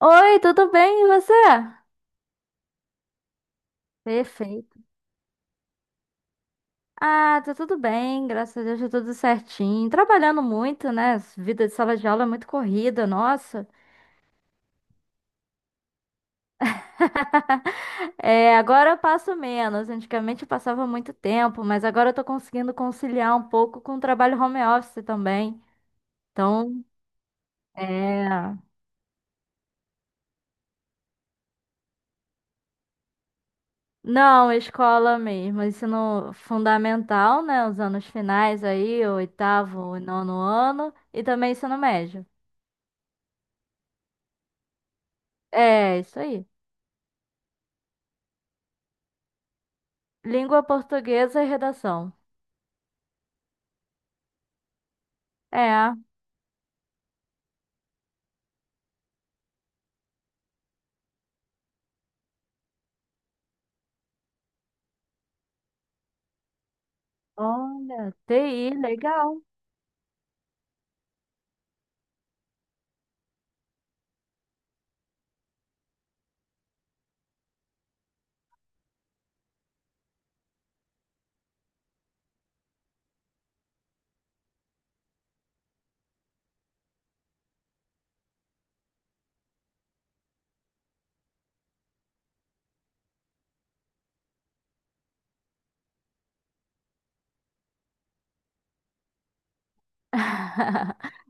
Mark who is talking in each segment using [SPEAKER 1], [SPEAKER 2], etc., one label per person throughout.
[SPEAKER 1] Oi, tudo bem? E você? Perfeito. Ah, tá tudo bem, graças a Deus, tá tudo certinho. Trabalhando muito, né? Vida de sala de aula é muito corrida, nossa. É, agora eu passo menos. Antigamente eu passava muito tempo, mas agora eu tô conseguindo conciliar um pouco com o trabalho home office também. Então, é. Não, escola mesmo, ensino fundamental, né? Os anos finais aí, o oitavo e nono ano, e também ensino médio. É, isso aí. Língua portuguesa e redação. É, olha, TI, legal.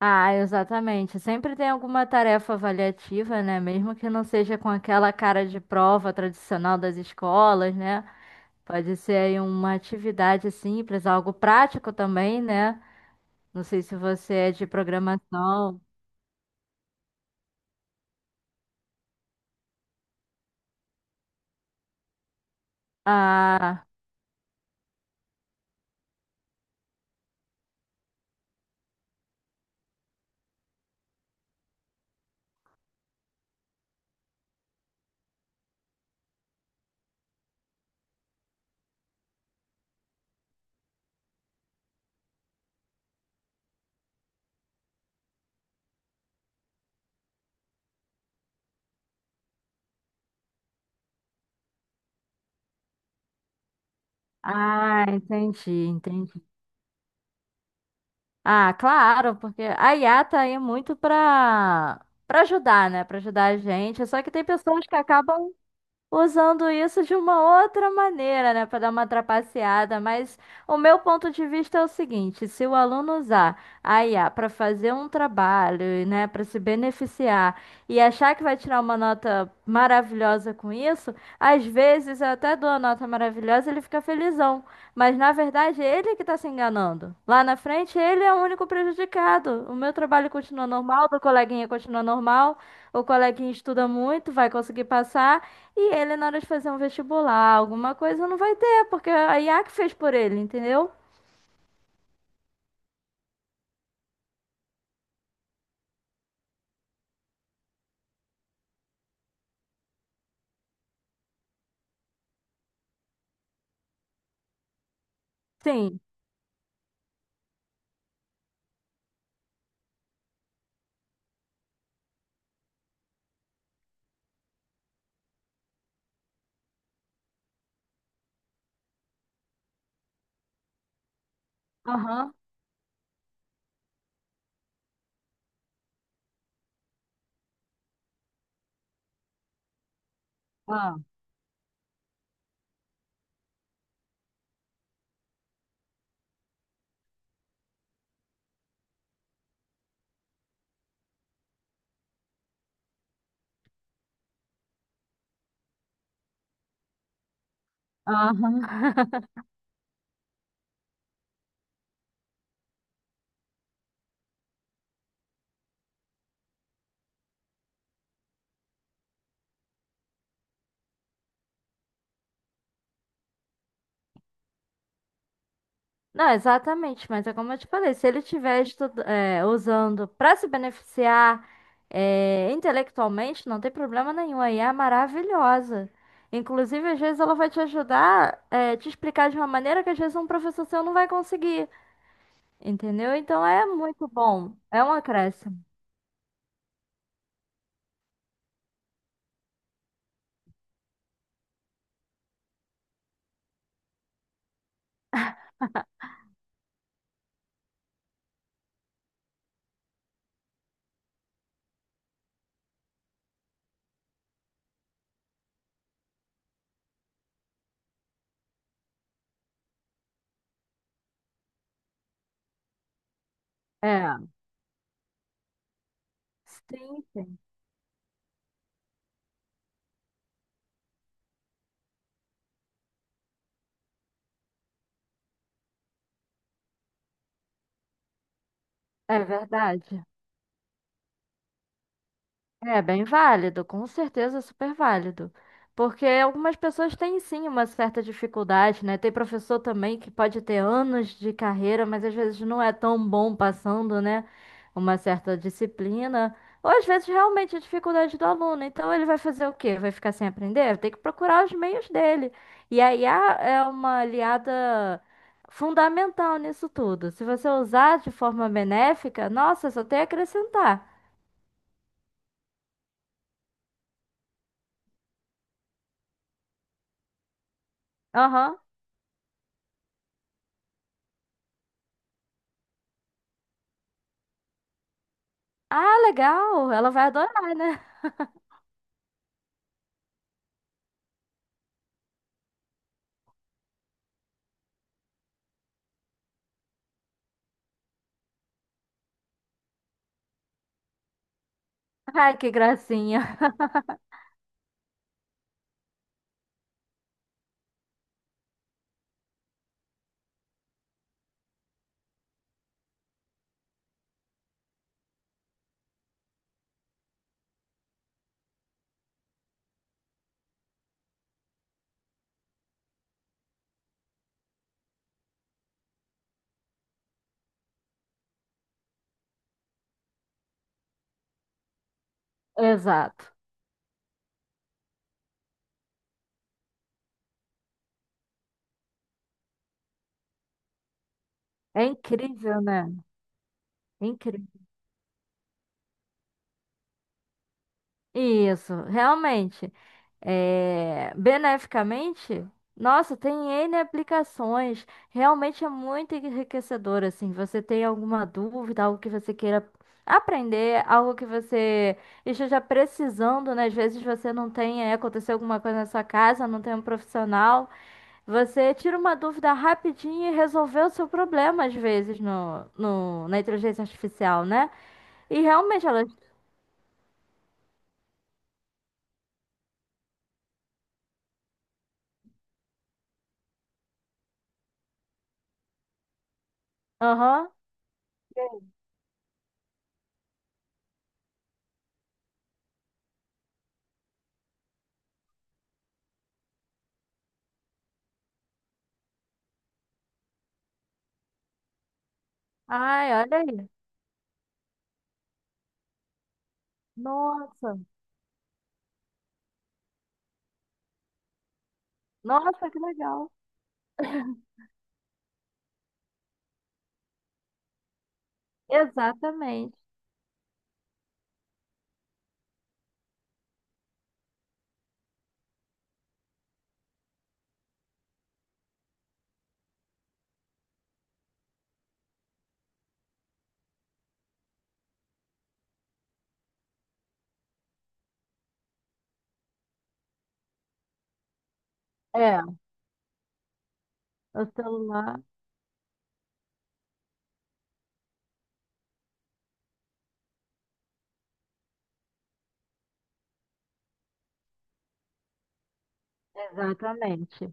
[SPEAKER 1] Ah, exatamente. Sempre tem alguma tarefa avaliativa, né? Mesmo que não seja com aquela cara de prova tradicional das escolas, né? Pode ser aí uma atividade simples, algo prático também, né? Não sei se você é de programação. Ah, ah, entendi, entendi. Ah, claro, porque a IA tá aí muito pra ajudar, né? Pra ajudar a gente. Só que tem pessoas que acabam usando isso de uma outra maneira, né, para dar uma trapaceada, mas o meu ponto de vista é o seguinte: se o aluno usar a IA para fazer um trabalho, né, para se beneficiar e achar que vai tirar uma nota maravilhosa com isso, às vezes eu até dou a nota maravilhosa, e ele fica felizão, mas na verdade é ele que está se enganando. Lá na frente ele é o único prejudicado. O meu trabalho continua normal, do coleguinha continua normal, o coleguinha estuda muito, vai conseguir passar. E ele, na hora de fazer um vestibular, alguma coisa, não vai ter, porque é a IA que fez por ele, entendeu? Sim. Aham. Ah. Aham. Não, exatamente, mas é como eu te falei, se ele estiver é, usando para se beneficiar é, intelectualmente, não tem problema nenhum, a IA é maravilhosa. Inclusive, às vezes ela vai te ajudar, é, te explicar de uma maneira que às vezes um professor seu não vai conseguir, entendeu? Então é muito bom, é um acréscimo. É, sim. É verdade. É bem válido, com certeza é super válido. Porque algumas pessoas têm sim uma certa dificuldade, né? Tem professor também que pode ter anos de carreira, mas às vezes não é tão bom passando, né? Uma certa disciplina. Ou às vezes realmente é dificuldade do aluno. Então ele vai fazer o quê? Vai ficar sem aprender? Tem que procurar os meios dele. E a IA é uma aliada fundamental nisso tudo. Se você usar de forma benéfica, nossa, só tem a acrescentar. Aham. Ah, legal. Ela vai adorar, né? Ai, que gracinha. Exato. É incrível, né? Incrível. Isso, realmente. É... Beneficamente, nossa, tem N aplicações. Realmente é muito enriquecedor, assim. Você tem alguma dúvida, algo que você queira aprender, algo que você esteja precisando, né? Às vezes você não tem, é, aconteceu alguma coisa na sua casa, não tem um profissional. Você tira uma dúvida rapidinho e resolveu o seu problema, às vezes, na inteligência artificial, né? E realmente ela. Aham. Ai, olha aí. Nossa. Nossa, que legal. Exatamente. É, o celular. Exatamente.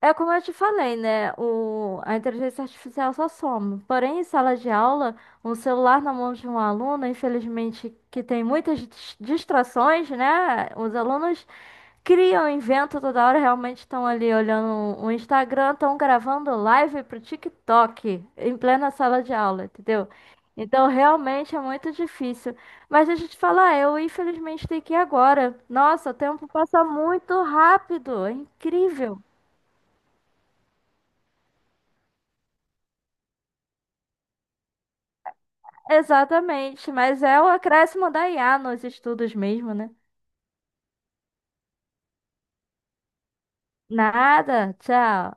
[SPEAKER 1] É como eu te falei, né? O, a inteligência artificial só soma. Porém, em sala de aula, um celular na mão de um aluno, infelizmente, que tem muitas distrações, né? Os alunos criam, inventam toda hora, realmente estão ali olhando o Instagram, estão gravando live pro TikTok em plena sala de aula, entendeu? Então realmente é muito difícil. Mas deixa eu te falar, eu infelizmente tenho que ir agora. Nossa, o tempo passa muito rápido, é incrível. Exatamente, mas é o acréscimo da IA nos estudos mesmo, né? Nada, tchau.